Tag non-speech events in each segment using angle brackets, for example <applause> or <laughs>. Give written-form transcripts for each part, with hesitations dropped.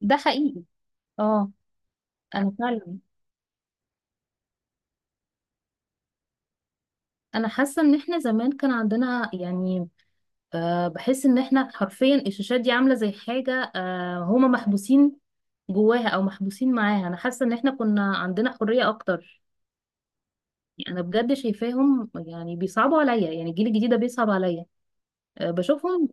ده حقيقي. اه. انا فعلا انا حاسه ان احنا زمان كان عندنا يعني بحس ان احنا حرفيا الشاشات دي عامله زي حاجه، هما محبوسين جواها او محبوسين معاها. انا حاسه ان احنا كنا عندنا حريه اكتر. يعني انا بجد شايفاهم، يعني بيصعبوا عليا، يعني الجيل الجديد ده بيصعب عليا. بشوفهم.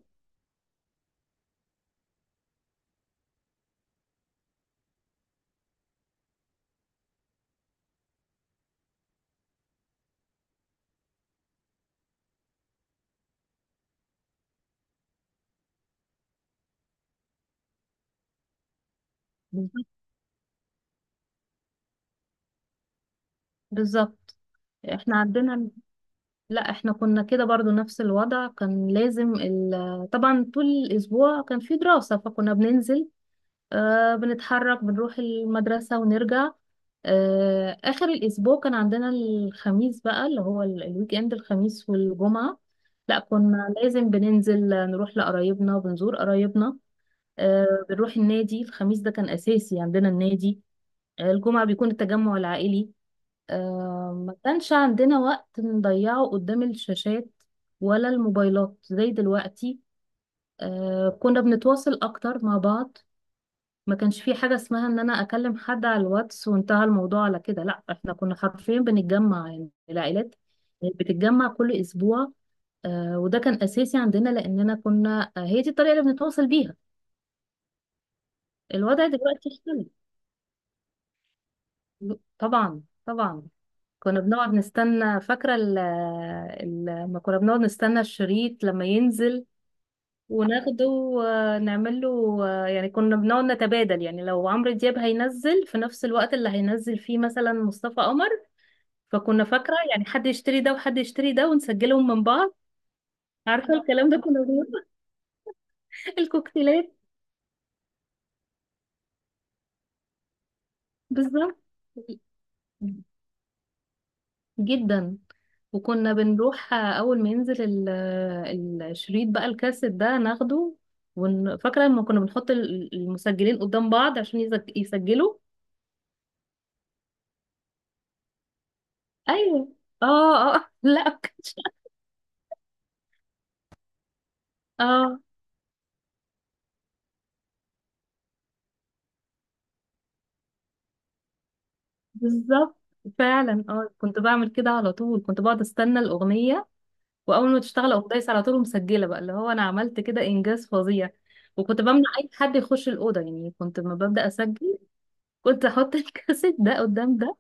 بالظبط، بالظبط. احنا عندنا لا، احنا كنا كده برضو نفس الوضع. كان لازم طبعا طول الاسبوع كان في دراسه، فكنا بننزل، بنتحرك، بنروح المدرسة ونرجع. آخر الأسبوع كان عندنا الخميس، بقى اللي هو الويك إند، الخميس والجمعة. لا، كنا لازم بننزل، نروح لقرايبنا، بنزور قرايبنا. بنروح النادي، الخميس ده كان أساسي عندنا النادي. الجمعة بيكون التجمع العائلي. ما كانش عندنا وقت نضيعه قدام الشاشات ولا الموبايلات زي دلوقتي. كنا بنتواصل أكتر مع بعض. ما كانش في حاجة اسمها ان انا اكلم حد على الواتس وانتهى الموضوع على كده. لا، احنا كنا حرفيا بنتجمع، يعني العائلات بتتجمع كل اسبوع. وده كان اساسي عندنا، لاننا كنا، هي دي الطريقة اللي بنتواصل بيها. الوضع دلوقتي اختلف. طبعا طبعا. كنا بنقعد نستنى، فاكرة لما كنا بنقعد نستنى الشريط لما ينزل وناخده ونعمل له، يعني كنا بنقعد نتبادل. يعني لو عمرو دياب هينزل في نفس الوقت اللي هينزل فيه مثلا مصطفى قمر، فكنا فاكرة يعني حد يشتري ده وحد يشتري ده ونسجلهم من بعض. عارفة الكلام ده؟ كنا بنقول <laughs> الكوكتيلات. بالظبط. جدا. وكنا بنروح أول ما ينزل الشريط، بقى الكاسيت ده ناخده، فاكرة لما كنا بنحط المسجلين قدام بعض عشان يسجلوا. أيوه، اه، اه، <laughs> لا، ما كانش- <laughs> اه، بالظبط. فعلا، اه، كنت بعمل كده على طول. كنت بقعد استنى الأغنية، واول ما تشتغل اقوم دايسه على طول ومسجله، بقى اللي هو انا عملت كده انجاز فظيع. وكنت بمنع اي حد يخش الاوضه، يعني كنت لما ببدا اسجل كنت احط <laughs> الكاسيت ده قدام ده،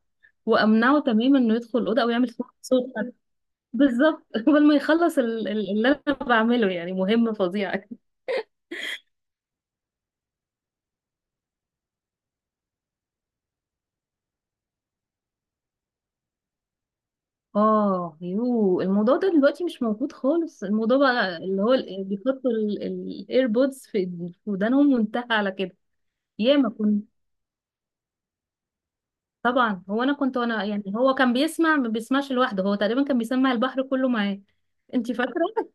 وامنعه تماما انه يدخل الاوضه او يعمل صوت حد. بالظبط <laughs> قبل ما يخلص اللي انا بعمله، يعني مهمه فظيعه. اه يو، الموضوع ده دلوقتي مش موجود خالص. الموضوع بقى اللي هو بيحطوا الايربودز في في ودانهم وانتهى على كده. ياما. طبعا، هو انا كنت، وانا يعني هو كان بيسمع، ما بيسمعش لوحده، هو تقريبا كان بيسمع البحر كله معاه. انت فاكره؟ <laughs>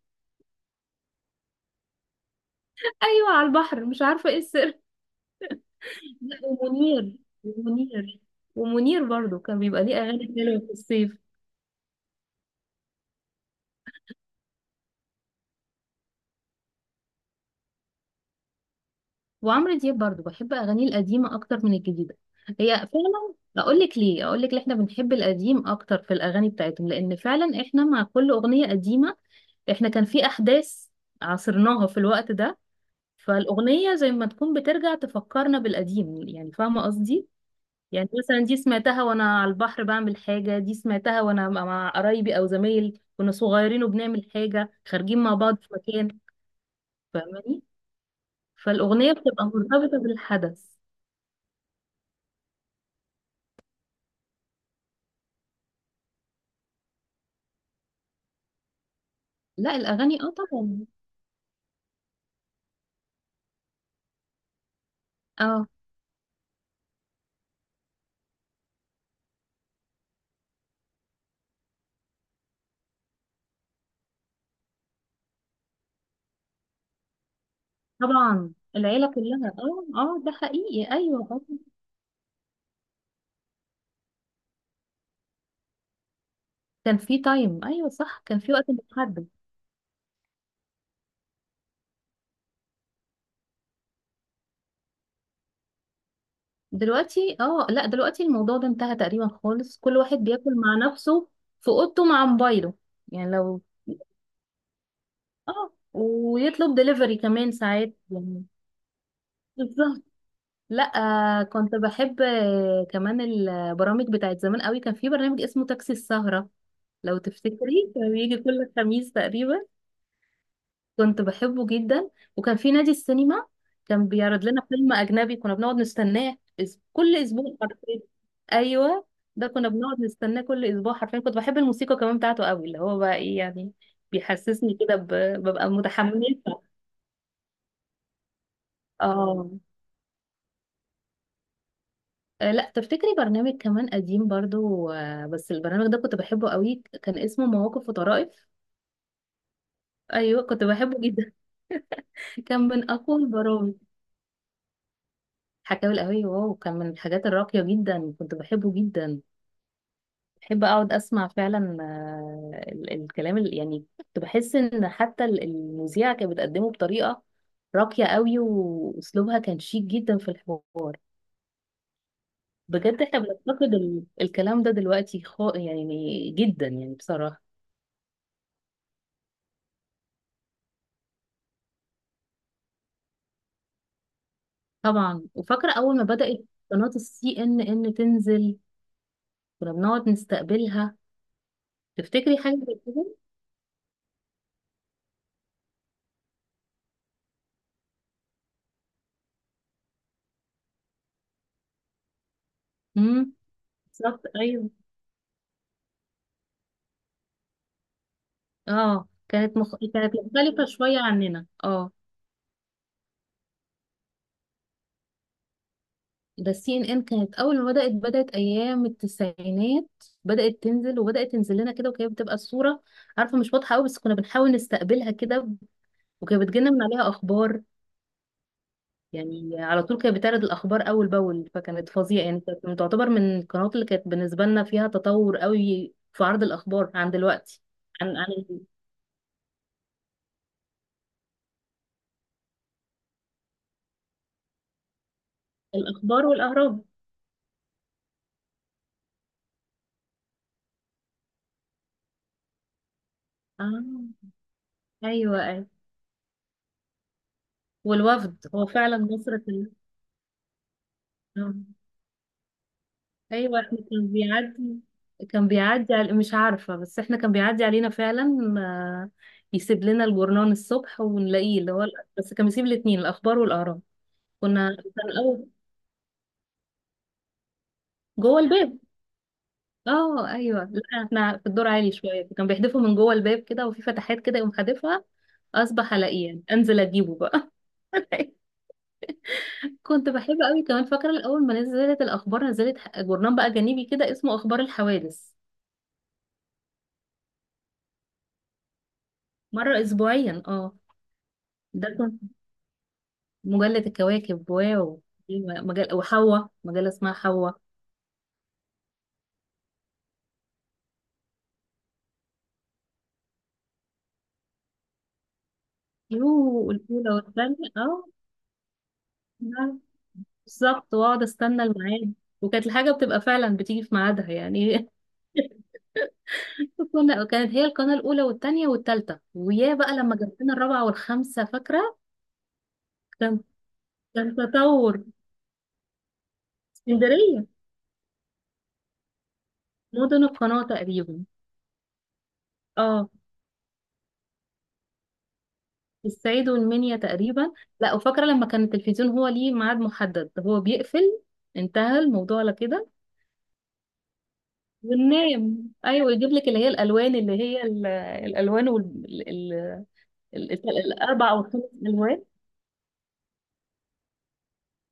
ايوه، على البحر مش عارفه ايه السر. لا، ومنير، ومنير، ومنير برضو كان بيبقى ليه اغاني حلوه في الصيف. وعمرو دياب برضو بحب اغانيه القديمه اكتر من الجديده. هي فعلا، اقول لك ليه، اقول لك ليه احنا بنحب القديم اكتر في الاغاني بتاعتهم: لان فعلا احنا مع كل اغنيه قديمه، احنا كان في احداث عاصرناها في الوقت ده. فالأغنية زي ما تكون بترجع تفكرنا بالقديم، يعني فاهمة قصدي؟ يعني مثلا دي سمعتها وأنا على البحر بعمل حاجة، دي سمعتها وأنا مع قرايبي، أو زمايل كنا صغيرين وبنعمل حاجة، خارجين مع بعض في مكان. فاهماني؟ فالأغنية بتبقى مرتبطة بالحدث. لا، الأغاني اه طبعا. اه طبعا، العيلة كلها، اه، اه، ده حقيقي، أيوه، اه. كان في تايم، أيوه صح، كان في وقت محدد. دلوقتي لا، دلوقتي الموضوع ده انتهى تقريبا خالص، كل واحد بياكل مع نفسه في اوضته مع موبايله. يعني لو اه ويطلب دليفري كمان ساعات يعني. بالظبط. لا، كنت بحب، كمان البرامج بتاعت زمان قوي. كان في برنامج اسمه تاكسي السهرة، لو تفتكري، كان بيجي كل خميس تقريبا. كنت بحبه جدا. وكان في نادي السينما، كان بيعرض لنا فيلم أجنبي كنا بنقعد نستناه، كل أسبوع حرفيا. أيوه، ده كنا بنقعد نستناه كل أسبوع حرفيا. كنت بحب الموسيقى كمان بتاعته قوي، اللي هو بقى إيه يعني، بيحسسني كده ببقى متحمسة. اه. لا، تفتكري برنامج كمان قديم برضو، بس البرنامج ده كنت بحبه قوي، كان اسمه مواقف وطرائف. ايوه، كنت بحبه جدا. <laughs> كان من اقوى البرامج. حكاوي القهوية، واو، كان من الحاجات الراقية جدا، كنت بحبه جدا. بحب اقعد اسمع فعلا، الكلام اللي يعني كنت بحس ان حتى المذيعه كانت بتقدمه بطريقه راقيه قوي، واسلوبها كان شيك جدا في الحوار. بجد احنا بنفتقد الكلام ده دلوقتي، خا يعني، جدا يعني بصراحه. طبعا، وفاكره اول ما بدات قناه CNN تنزل، كنا بنقعد نستقبلها. تفتكري حاجه زي كده؟ امم، بالظبط ايوه. اه كانت كانت مختلفه شويه عننا، اه. ده CNN كانت اول ما بدات، بدات ايام التسعينات، بدات تنزل، وبدات تنزل لنا كده، وكانت بتبقى الصوره عارفه مش واضحه قوي، بس كنا بنحاول نستقبلها كده. وكانت بتجيلنا من عليها اخبار، يعني على طول كانت بتعرض الاخبار اول باول، فكانت فظيعه يعني. كانت تعتبر من القنوات اللي كانت بالنسبه لنا فيها تطور قوي في عرض الاخبار عن دلوقتي. عن الاخبار والاهرام. اه، ايوه، ايوه. والوفد، هو فعلا مصر كلها. ايوه، احنا كان بيعدي. كان بيعدي على، مش عارفه، بس احنا كان بيعدي علينا فعلا، يسيب لنا الجورنان الصبح ونلاقيه، اللي هو، بس كان بيسيب الاثنين: الاخبار والاراء. كان اول جوه الباب. اه، ايوه، لا احنا في الدور عالي شويه، فكان بيحدفه من جوه الباب كده، وفي فتحات كده يقوم حادفها. اصبح الاقيه يعني، انزل اجيبه بقى. <laughs> كنت بحب قوي كمان، فاكره الاول ما نزلت الاخبار، نزلت جورنان بقى جانبي كده اسمه اخبار الحوادث. مره اسبوعيا، اه. ده مجلة الكواكب، واو. في مجلة، وحواء، مجلة اسمها حواء. يوه، الأولى والثانية، اه. لا، بالظبط، واقعد استنى الميعاد. وكانت الحاجة بتبقى فعلا بتيجي في ميعادها يعني. <laughs> كنا، كانت هي القناة الأولى والثانية والثالثة، ويا بقى لما جاب لنا الرابعة والخامسة، فاكرة؟ كان كان تطور. اسكندرية، مدن القناة تقريبا. اه، الصعيد والمنيا تقريبا. لا، وفاكرة لما كان التلفزيون هو ليه ميعاد محدد، هو بيقفل، انتهى الموضوع على كده. والنام ايوه، يجيب لك اللي هي الالوان، اللي هي الالوان وال... ال... ال... ال- الاربع او الخمس الوان.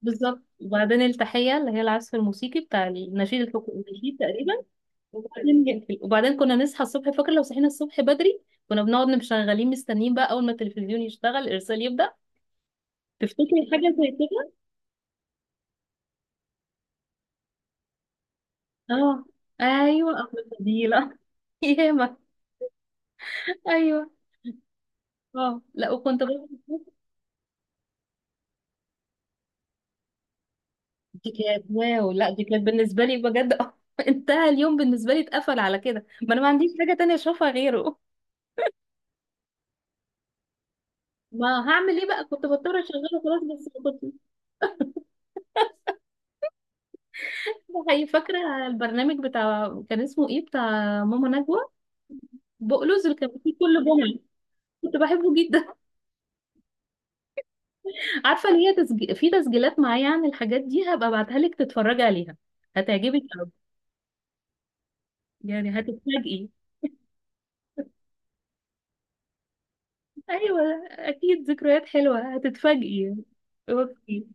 بالظبط. وبعدين التحيه، اللي هي العزف الموسيقي بتاع النشيد الحكومي، النشيد تقريبا. وبعدين يقفل. وبعدين كنا نصحى الصبح. فاكر لو صحينا الصبح بدري، كنا بنقعد مشغلين مستنيين، بقى اول ما التلفزيون يشتغل الارسال يبدا. تفتكري حاجه زي كده؟ اه، ايوه، ام الفضيله. <laughs> ياما. ايوه. اه، لا وكنت برضه، دي كانت واو، لا دي كانت بالنسبة لي بجد. <laughs> انتهى اليوم بالنسبة لي، اتقفل على كده، ما انا ما عنديش حاجة تانية اشوفها غيره. ما هعمل ايه بقى، كنت بضطر اشغله، خلاص. بس كنت، هي فاكرة البرنامج بتاع كان اسمه ايه، بتاع ماما نجوى بقلوز، اللي كان فيه كل جمعة. كنت بحبه جدا. <laughs> عارفة اللي هي في تسجيلات معايا عن الحاجات دي، هبقى ابعتها لك تتفرجي عليها. هتعجبك قوي. يعني هتتفاجئي. ايوه، اكيد ذكريات حلوة، هتتفاجئي. اوكي.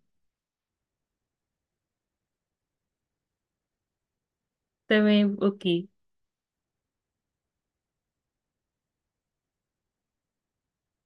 تمام اوكي.